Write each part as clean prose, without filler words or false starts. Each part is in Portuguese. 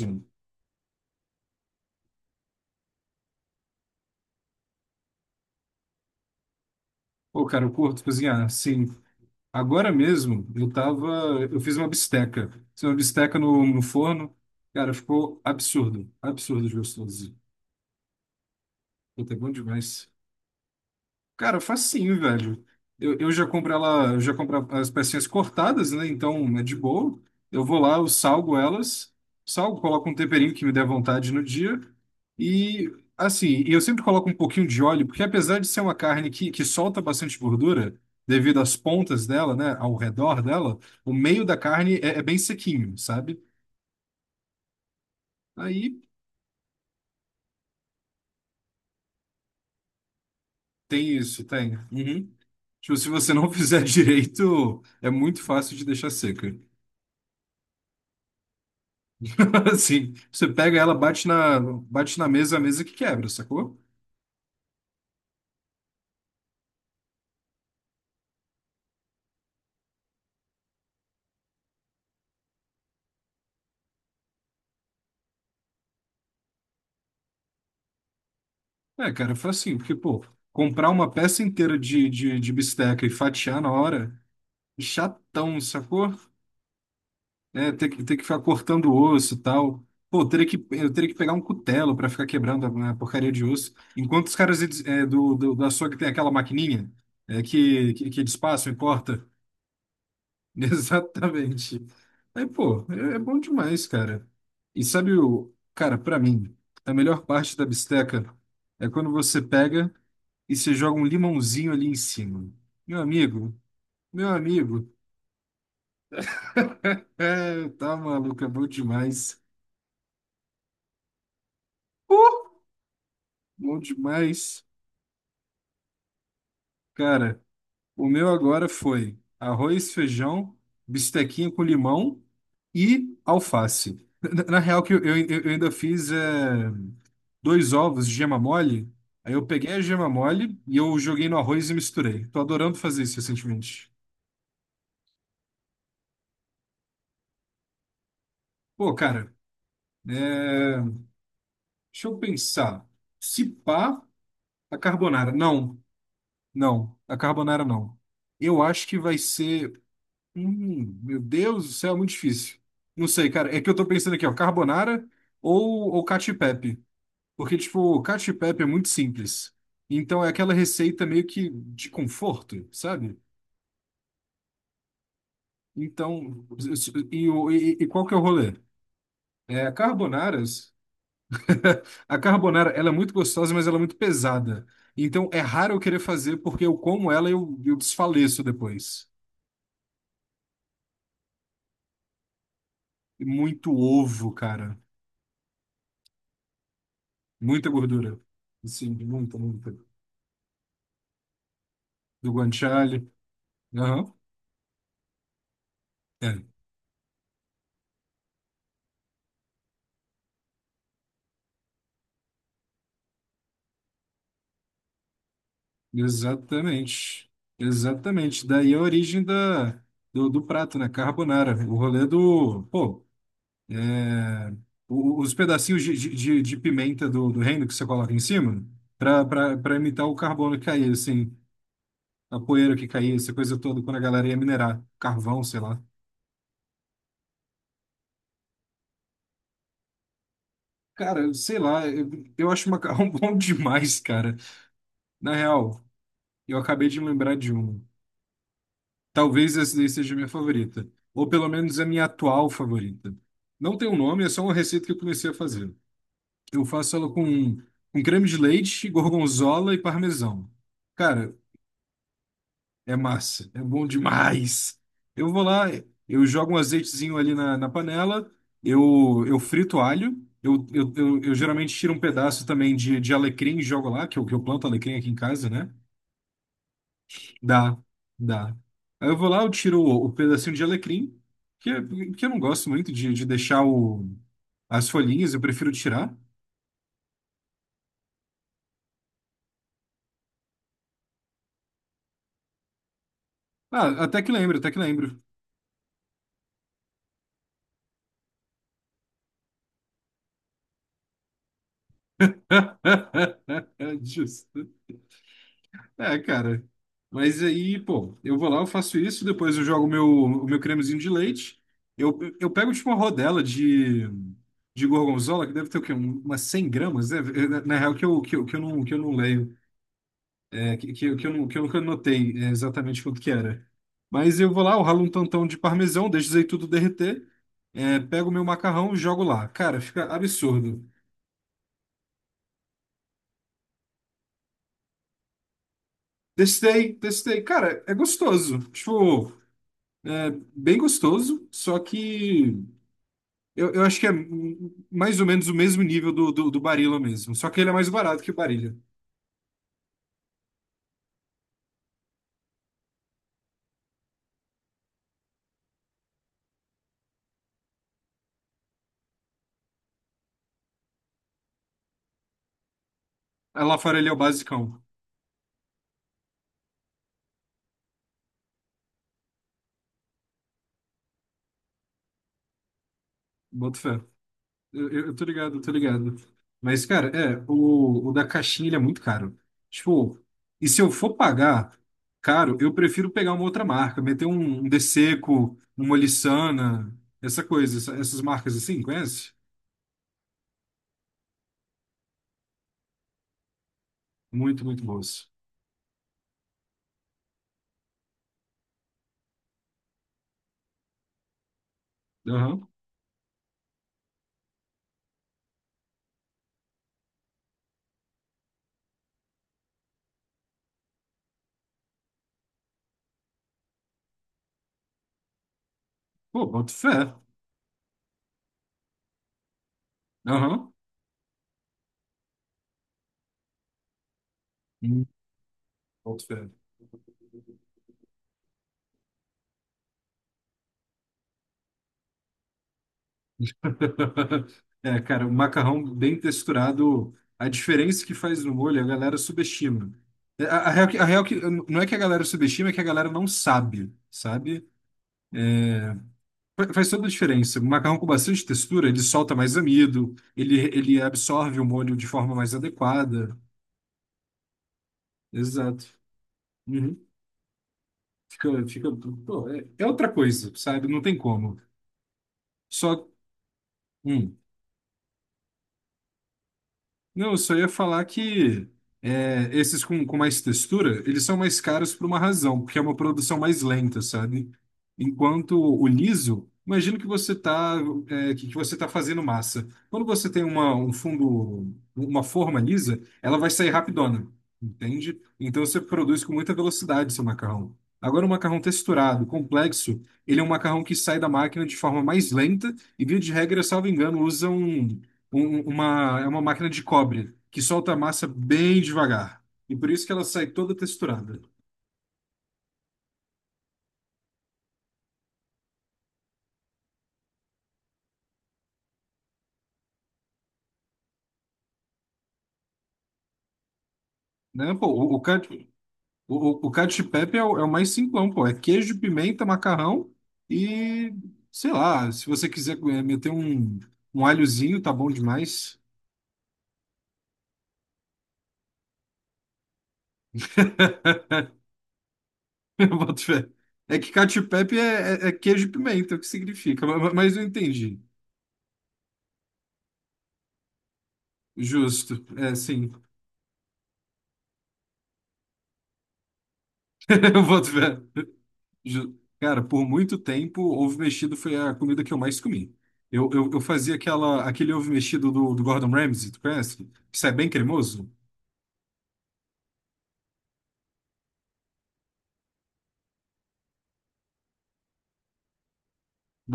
Mesmo. Pô, cara, eu curto cozinhar. Sim, agora mesmo eu tava. Eu fiz uma bisteca. Fiz uma bisteca no forno. Cara, ficou absurdo. Absurdo de gostoso. Puta, é bom demais. Cara, facinho, velho. Eu já compro ela, eu já compro as pecinhas cortadas, né? Então é de boa. Eu vou lá, eu salgo elas, salgo, coloco um temperinho que me der vontade no dia. E assim, e eu sempre coloco um pouquinho de óleo, porque apesar de ser uma carne que solta bastante gordura, devido às pontas dela, né? Ao redor dela, o meio da carne é bem sequinho, sabe? Aí tem isso, tem. Uhum. Tipo, se você não fizer direito, é muito fácil de deixar seca. Assim, você pega ela, bate na mesa, a mesa que quebra, sacou? É, cara, foi assim, porque, pô, comprar uma peça inteira de bisteca e fatiar na hora, chatão, sacou? É, ter que ficar cortando o osso e tal. Pô, eu teria que pegar um cutelo pra ficar quebrando a, né, a porcaria de osso. Enquanto os caras eles, do açougue tem aquela maquininha que eles passam e corta. Exatamente. Aí, pô, é bom demais, cara. E sabe o, cara, pra mim, a melhor parte da bisteca é quando você pega e você joga um limãozinho ali em cima. Meu amigo, meu amigo. É, tá maluco, é bom demais. Uh, Bom demais. Cara, o meu agora foi arroz, feijão, bistequinha com limão e alface. Na real, que eu, eu ainda fiz. Dois ovos de gema mole. Aí eu peguei a gema mole e eu joguei no arroz e misturei. Tô adorando fazer isso recentemente. Pô, cara, é, deixa eu pensar. Se pá, a carbonara. Não, não, a carbonara não. Eu acho que vai ser. Meu Deus do céu, é muito difícil. Não sei, cara. É que eu tô pensando aqui, ó, carbonara ou cacio e pepe. Porque, tipo, o cacio e pepe é muito simples. Então é aquela receita meio que de conforto, sabe? Então, e qual que é o rolê? É, a carbonara, ela é muito gostosa, mas ela é muito pesada. Então, é raro eu querer fazer porque eu como ela e eu desfaleço depois. E muito ovo, cara. Muita gordura. Sim, muita, muita. Do guanciale. Aham. É. Exatamente. Exatamente. Daí é a origem do prato, né? Carbonara. O rolê do... Pô, É, os pedacinhos de, de pimenta do reino que você coloca em cima, para imitar o carbono que caía, assim, a poeira que caía, essa coisa toda, quando a galera ia minerar carvão, sei lá. Cara, sei lá, eu acho macarrão bom demais, cara. Na real, eu acabei de lembrar de uma. Talvez essa daí seja a minha favorita, ou pelo menos a minha atual favorita. Não tem um nome, é só uma receita que eu comecei a fazer. Eu faço ela com creme de leite, gorgonzola e parmesão. Cara, é massa, é bom demais. Eu vou lá, eu jogo um azeitezinho ali na panela, eu frito alho, eu geralmente tiro um pedaço também de alecrim e jogo lá, que eu planto alecrim aqui em casa, né? Dá, dá. Aí eu vou lá, eu tiro o pedacinho de alecrim, que, é, que eu não gosto muito de deixar as folhinhas, eu prefiro tirar. Ah, até que lembro, até que lembro. Justo. É, cara. Mas aí, pô, eu vou lá, eu faço isso, depois eu jogo o meu cremezinho de leite. Eu pego tipo uma rodela de gorgonzola, que deve ter o quê? Umas 100 gramas, né? Na real, que eu, que eu, que eu não leio, é, que eu não, que eu nunca anotei exatamente quanto que era. Mas eu vou lá, eu ralo um tantão de parmesão, deixo isso aí tudo derreter, pego o meu macarrão e jogo lá. Cara, fica absurdo. Testei, testei. Cara, é gostoso. Tipo, é bem gostoso, só que. Eu acho que é mais ou menos o mesmo nível do Barilla mesmo. Só que ele é mais barato que o Barilla. Aí lá fora ele é o basicão. Boto fé. Eu tô ligado, eu tô ligado. Mas, cara, o da caixinha ele é muito caro. Tipo, e se eu for pagar caro, eu prefiro pegar uma outra marca, meter um Deseco, uma Lissana, essa coisa, essas marcas assim, conhece? Muito, muito boas. Aham. Pô, boto fé. Aham. Hum. Boto fé. É, cara, o macarrão bem texturado, a diferença que faz no molho, a galera subestima. É, a real que não é que a galera subestima, é que a galera não sabe, sabe? Faz toda a diferença. O macarrão com bastante textura, ele solta mais amido, ele absorve o molho de forma mais adequada. Exato. Uhum. Fica, pô, é outra coisa, sabe? Não tem como. Só. Hum. Não, eu só ia falar que esses com mais textura, eles são mais caros por uma razão, porque é uma produção mais lenta, sabe? Enquanto o liso, imagino que você tá, é, que você tá fazendo massa. Quando você tem um fundo, uma forma lisa, ela vai sair rapidona, entende? Então você produz com muita velocidade seu macarrão. Agora, o macarrão texturado, complexo, ele é um macarrão que sai da máquina de forma mais lenta e, via de regra, salvo engano, usam uma máquina de cobre que solta a massa bem devagar. E por isso que ela sai toda texturada. Né? Pô, o cacio e pepe é o mais simplão, pô. É queijo, pimenta, macarrão e, sei lá, se você quiser meter um alhozinho, tá bom demais. Eu boto fé. É que cacio e pepe é queijo e pimenta, o que significa? Mas, eu entendi. Justo. É, sim. Eu boto fé. Cara, por muito tempo, ovo mexido foi a comida que eu mais comi. Eu fazia aquele ovo mexido do Gordon Ramsay, tu conhece? Que sai bem cremoso.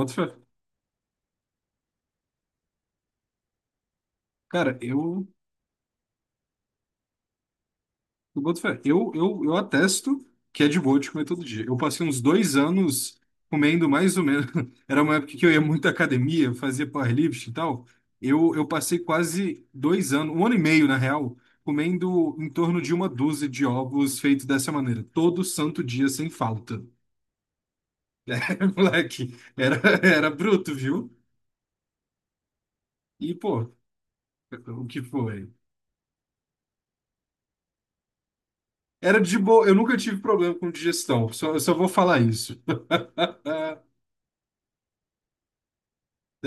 Bota fé. Cara, eu boto fé. Eu atesto que é de boa de comer todo dia. Eu passei uns 2 anos comendo mais ou menos. Era uma época que eu ia muito à academia, fazia powerlifting e tal. Eu passei quase 2 anos, um ano e meio, na real, comendo em torno de uma dúzia de ovos feitos dessa maneira, todo santo dia, sem falta. Moleque, era, era bruto, viu? E, pô, o que foi? Era de boa, eu nunca tive problema com digestão, só, eu só vou falar isso. Até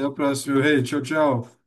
a próxima, meu rei. Tchau, tchau.